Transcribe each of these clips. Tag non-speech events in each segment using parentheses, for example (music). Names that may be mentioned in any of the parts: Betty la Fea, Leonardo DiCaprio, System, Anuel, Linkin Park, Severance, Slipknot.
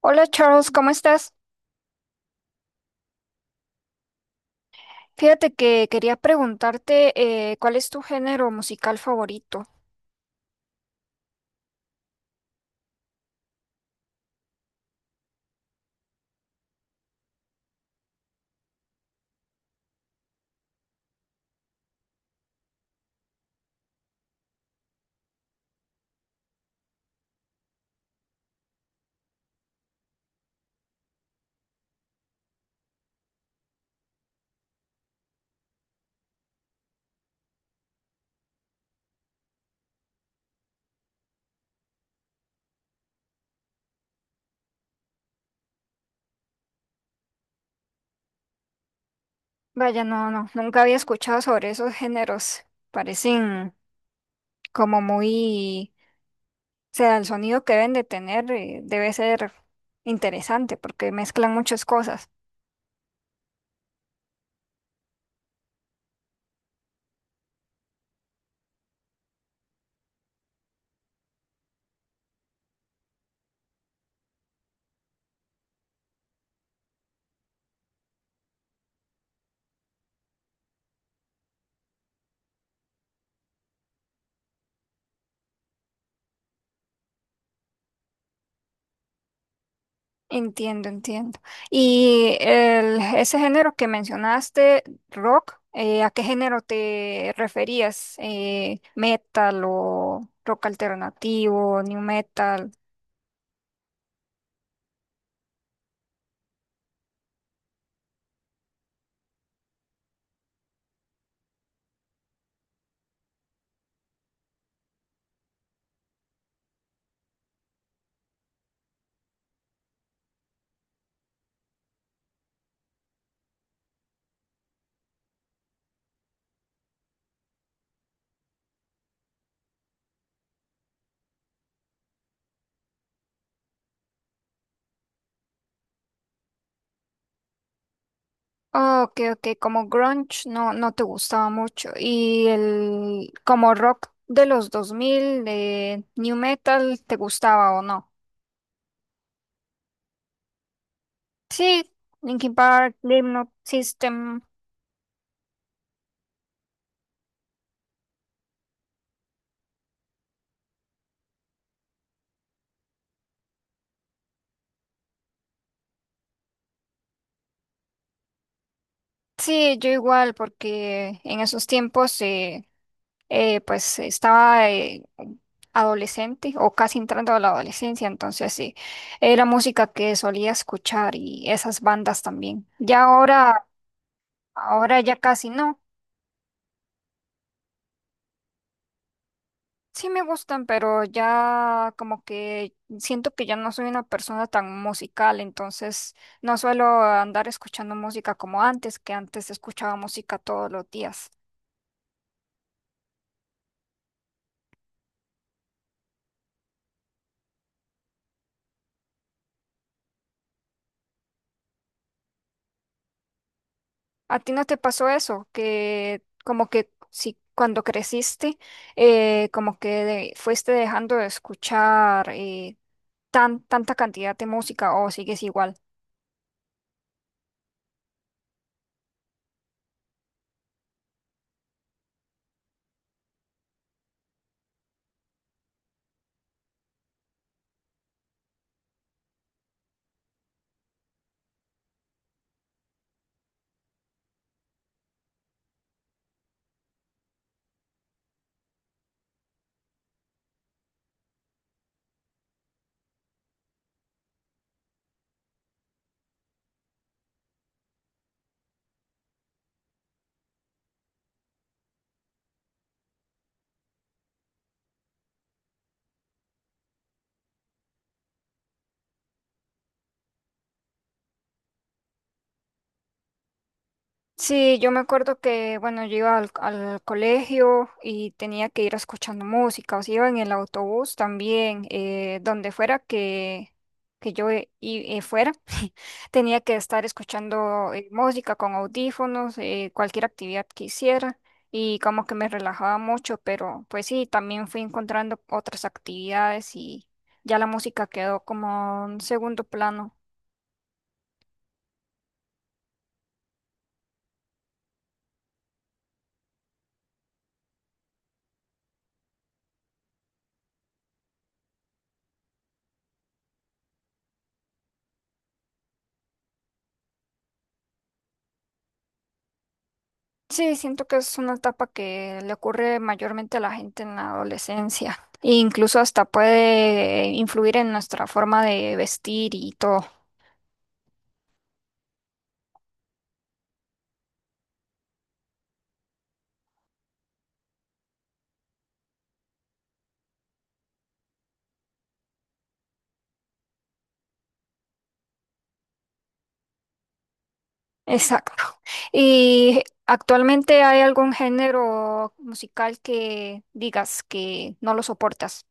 Hola Charles, ¿cómo estás? Fíjate que quería preguntarte ¿cuál es tu género musical favorito? Vaya, no, no, nunca había escuchado sobre esos géneros. Parecen como muy, o sea, el sonido que deben de tener debe ser interesante porque mezclan muchas cosas. Entiendo, entiendo. Ese género que mencionaste, rock, ¿a qué género te referías? Metal o rock alternativo, new metal? Ah, ok, ok, como grunge no, no te gustaba mucho. Y el como rock de los 2000, de new metal, ¿te gustaba o no? Sí, Linkin Park, Slipknot, System. Sí, yo igual, porque en esos tiempos pues estaba adolescente o casi entrando a la adolescencia, entonces sí, era música que solía escuchar y esas bandas también. Ahora ya casi no. Sí me gustan, pero ya como que siento que ya no soy una persona tan musical, entonces no suelo andar escuchando música como antes, que antes escuchaba música todos los días. ¿A ti no te pasó eso? Que como que si cuando creciste, como que fuiste dejando de escuchar tanta cantidad de música o sigues igual. Sí, yo me acuerdo que, bueno, yo iba al colegio y tenía que ir escuchando música, o sea, iba en el autobús también, donde fuera que yo fuera, (laughs) tenía que estar escuchando música con audífonos, cualquier actividad que hiciera, y como que me relajaba mucho, pero pues sí, también fui encontrando otras actividades y ya la música quedó como en segundo plano. Sí, siento que es una etapa que le ocurre mayormente a la gente en la adolescencia e incluso hasta puede influir en nuestra forma de vestir y todo. Exacto. ¿Y actualmente hay algún género musical que digas que no lo soportas?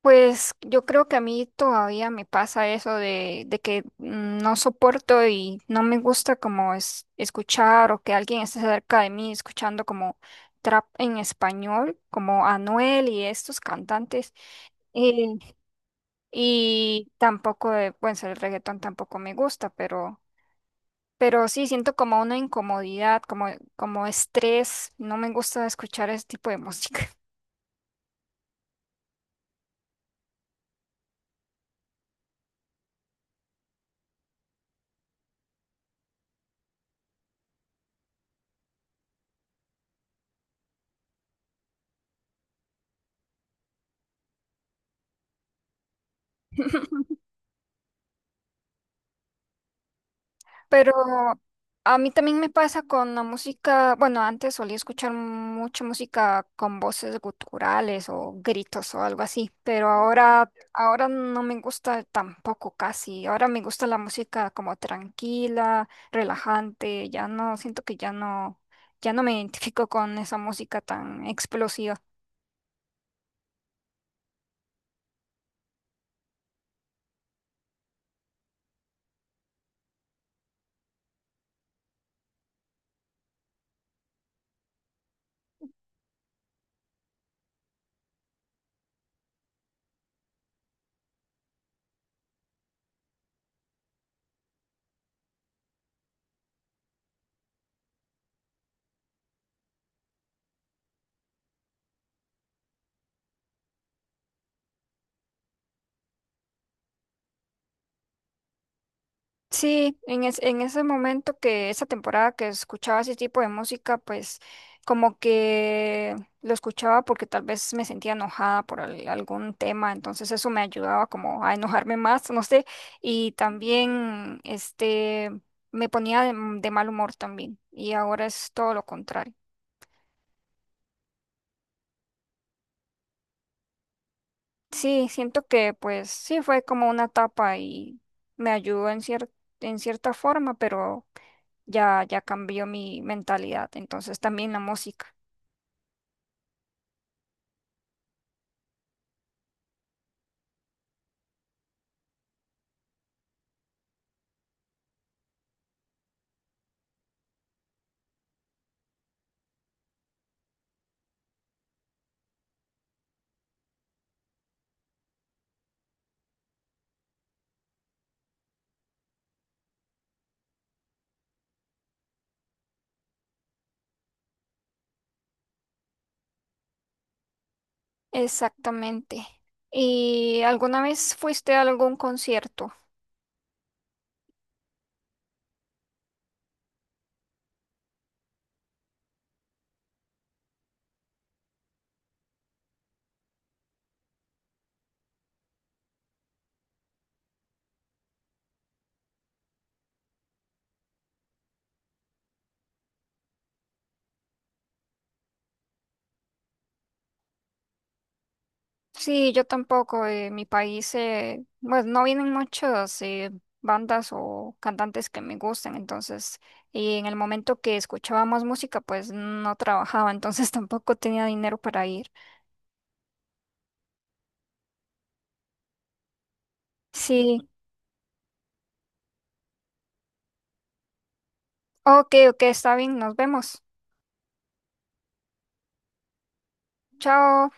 Pues yo creo que a mí todavía me pasa eso de que mm, no soporto y no me gusta como es, escuchar o que alguien esté cerca de mí escuchando como trap en español, como Anuel y estos cantantes. Eh, y tampoco, bueno, el reggaetón tampoco me gusta, pero sí siento como una incomodidad, como, como estrés. No me gusta escuchar ese tipo de música. (laughs) Pero a mí también me pasa con la música, bueno, antes solía escuchar mucha música con voces guturales o gritos o algo así, pero ahora, ahora no me gusta tampoco casi. Ahora me gusta la música como tranquila, relajante, ya no, siento que ya no, ya no me identifico con esa música tan explosiva. Sí, en, en ese momento que esa temporada que escuchaba ese tipo de música, pues como que lo escuchaba porque tal vez me sentía enojada por algún tema, entonces eso me ayudaba como a enojarme más, no sé, y también este me ponía de mal humor también, y ahora es todo lo contrario. Sí, siento que pues sí fue como una etapa y me ayudó en en cierta forma, pero ya, ya cambió mi mentalidad, entonces también la música. Exactamente. ¿Y alguna vez fuiste a algún concierto? Sí, yo tampoco. Eh, en mi país, pues no vienen muchas bandas o cantantes que me gustan, entonces, y en el momento que escuchaba más música, pues no trabajaba, entonces (laughs) tampoco tenía dinero para ir. Sí, ok, ok, está bien, nos vemos. Chao.